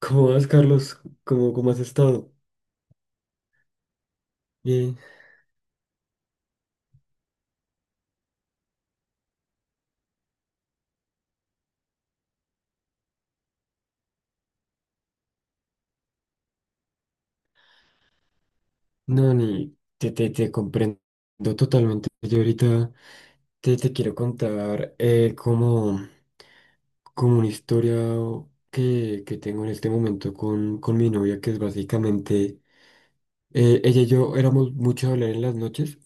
¿Cómo vas, Carlos? ¿Cómo has estado? Bien. No, ni te comprendo totalmente. Yo ahorita te quiero contar como, como una historia que tengo en este momento con mi novia, que es básicamente, ella y yo éramos mucho a hablar en las noches,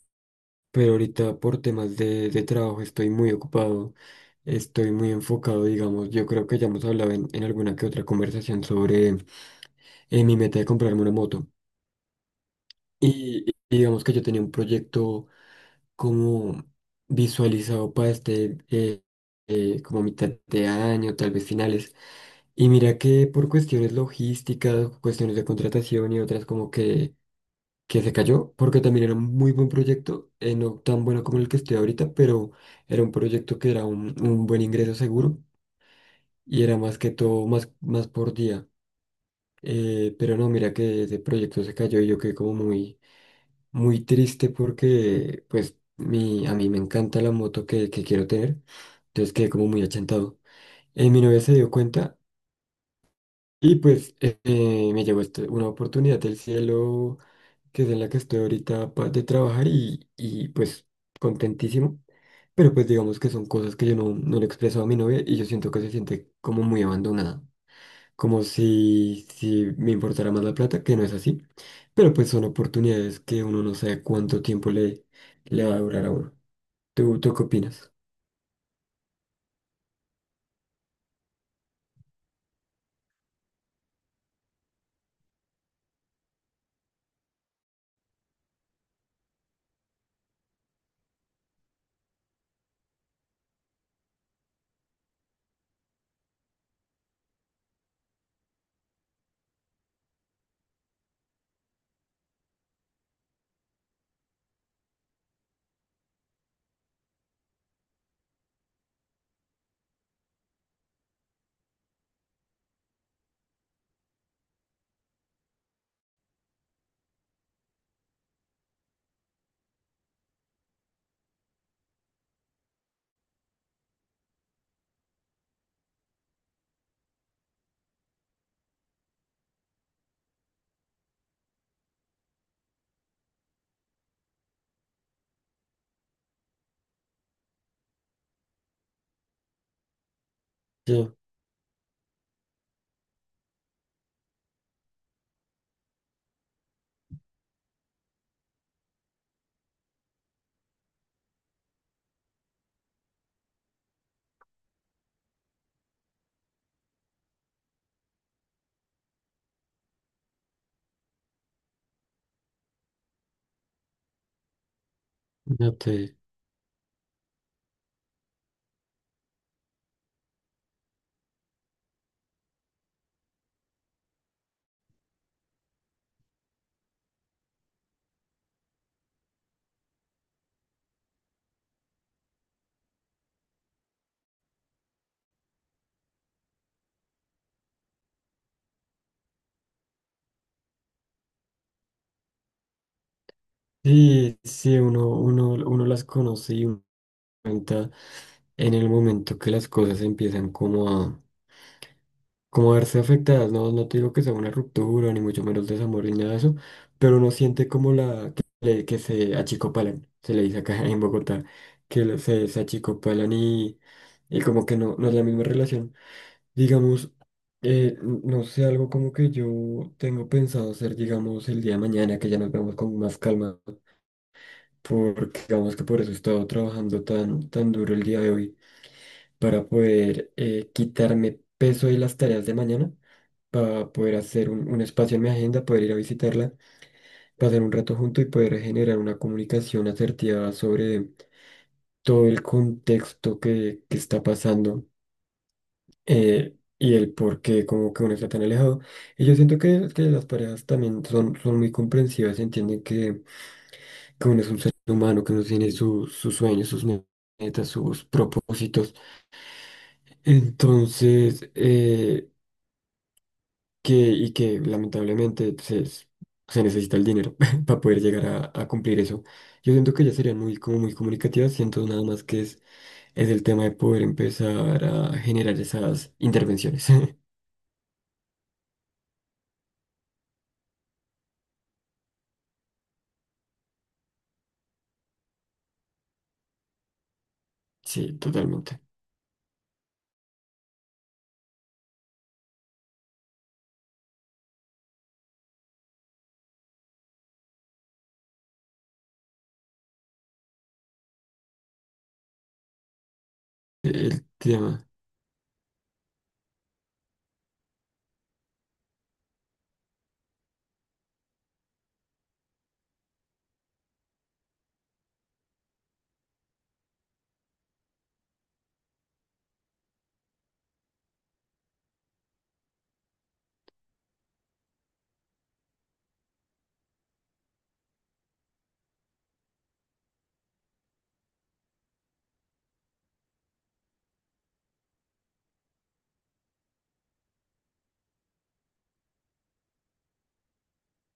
pero ahorita por temas de trabajo estoy muy ocupado, estoy muy enfocado, digamos. Yo creo que ya hemos hablado en alguna que otra conversación sobre mi meta de comprarme una moto. Y digamos que yo tenía un proyecto como visualizado para este, como mitad de año, tal vez finales. Y mira que por cuestiones logísticas, cuestiones de contratación y otras como que se cayó, porque también era un muy buen proyecto, no tan bueno como el que estoy ahorita, pero era un proyecto que era un buen ingreso seguro y era más que todo más, más por día. Pero no, mira que ese proyecto se cayó y yo quedé como muy muy triste porque pues mi, a mí me encanta la moto que quiero tener, entonces quedé como muy achantado. Mi novia se dio cuenta y pues me llegó una oportunidad del cielo que es en la que estoy ahorita de trabajar y pues contentísimo, pero pues digamos que son cosas que yo no, no le he expresado a mi novia y yo siento que se siente como muy abandonada como si, si me importara más la plata, que no es así, pero pues son oportunidades que uno no sabe cuánto tiempo le, le va a durar a uno. ¿Tú qué opinas? Yo, no te... Sí, sí, uno las conoce y uno cuenta en el momento que las cosas empiezan como a como verse afectadas, no, no te digo que sea una ruptura, ni mucho menos desamor, ni nada de eso, pero uno siente como la que, que se achicopalan, se le dice acá en Bogotá, que se, se achicopalan y como que no, no es la misma relación. Digamos, no sé, algo como que yo tengo pensado hacer, digamos, el día de mañana, que ya nos vemos con más calma, porque digamos que por eso he estado trabajando tan, tan duro el día de hoy, para poder quitarme peso de las tareas de mañana para poder hacer un espacio en mi agenda, poder ir a visitarla, pasar un rato junto y poder generar una comunicación asertiva sobre todo el contexto que está pasando y el por qué como que uno está tan alejado. Y yo siento que las parejas también son, son muy comprensivas, entienden que uno es un ser humano, que uno tiene sus sueños, sus metas, sus propósitos. Entonces, que, y que lamentablemente pues, se necesita el dinero para poder llegar a cumplir eso. Yo siento que ellas serían muy, como muy comunicativas, siento nada más que es el tema de poder empezar a generar esas intervenciones. Sí, totalmente. El tema.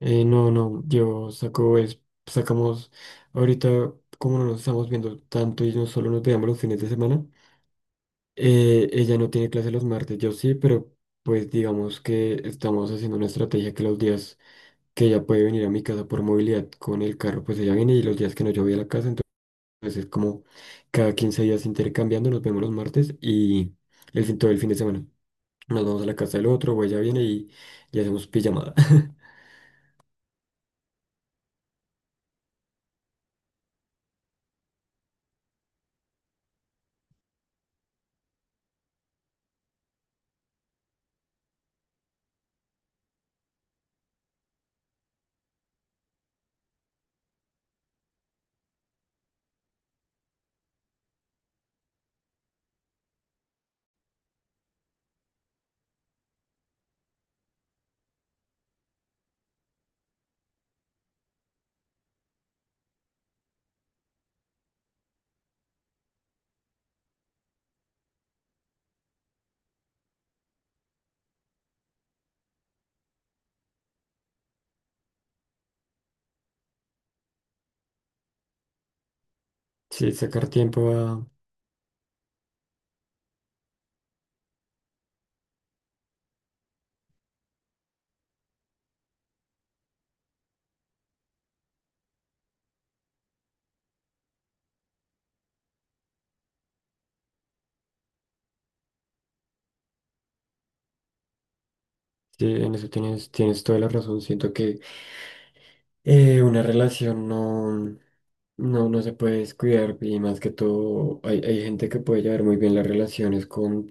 No, no, yo saco es, sacamos ahorita, como no nos estamos viendo tanto y no solo nos veamos los fines de semana, ella no tiene clase los martes, yo sí, pero pues digamos que estamos haciendo una estrategia que los días que ella puede venir a mi casa por movilidad con el carro, pues ella viene y los días que no yo voy a la casa, entonces es como cada 15 días intercambiando, nos vemos los martes y el fin, todo el fin de semana. Nos vamos a la casa del otro, o ella viene y hacemos pijamada. Sí, sacar tiempo a... Sí, en eso tienes, tienes toda la razón. Siento que una relación no, no, no se puede descuidar y más que todo hay, hay gente que puede llevar muy bien las relaciones con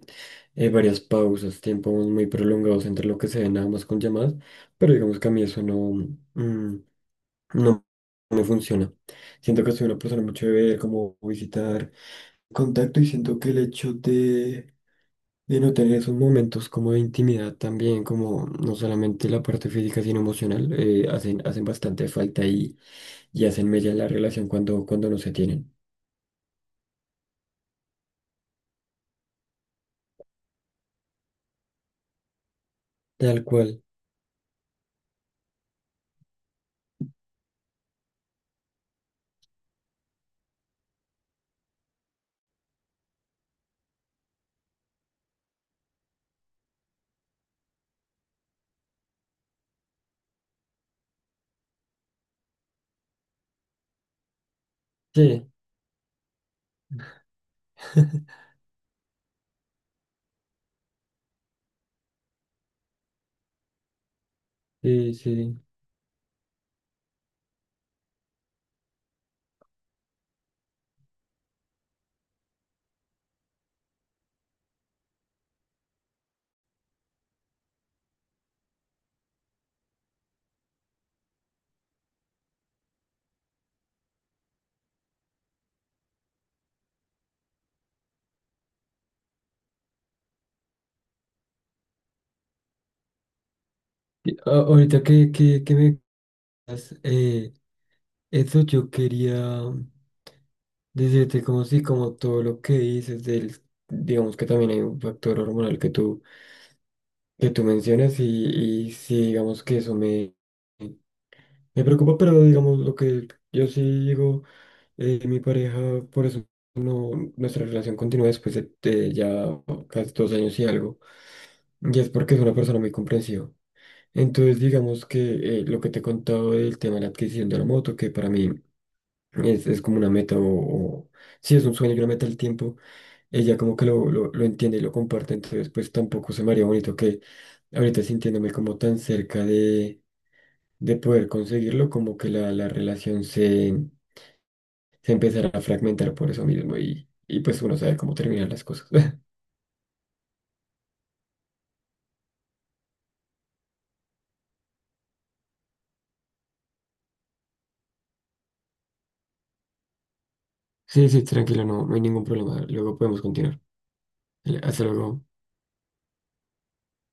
varias pausas, tiempos muy prolongados entre lo que se ve nada más con llamadas, pero digamos que a mí eso no, mm, no me funciona. Siento que soy una persona mucho de ver, como visitar contacto y siento que el hecho de no tener esos momentos como de intimidad también, como no solamente la parte física, sino emocional, hacen, hacen bastante falta y hacen mella la relación cuando, cuando no se tienen. Tal cual. Sí, sí, sí. Y ahorita que me... cuentas. Eso yo quería... Decirte como sí, como todo lo que dices del, digamos que también hay un factor hormonal que tú mencionas y sí, digamos que eso me... Me preocupa, pero digamos lo que yo sí digo, mi pareja, por eso no, nuestra relación continúa después de ya casi 2 años y algo, y es porque es una persona muy comprensiva. Entonces, digamos que lo que te he contado del tema de la adquisición de la moto, que para mí es como una meta o, si es un sueño y una meta del tiempo, ella como que lo entiende y lo comparte, entonces pues tampoco se me haría bonito que ahorita sintiéndome como tan cerca de poder conseguirlo, como que la relación se, se empezará a fragmentar por eso mismo y pues uno sabe cómo terminan las cosas. Sí, sí, tranquilo, no, no hay ningún problema. Luego podemos continuar. Hasta luego.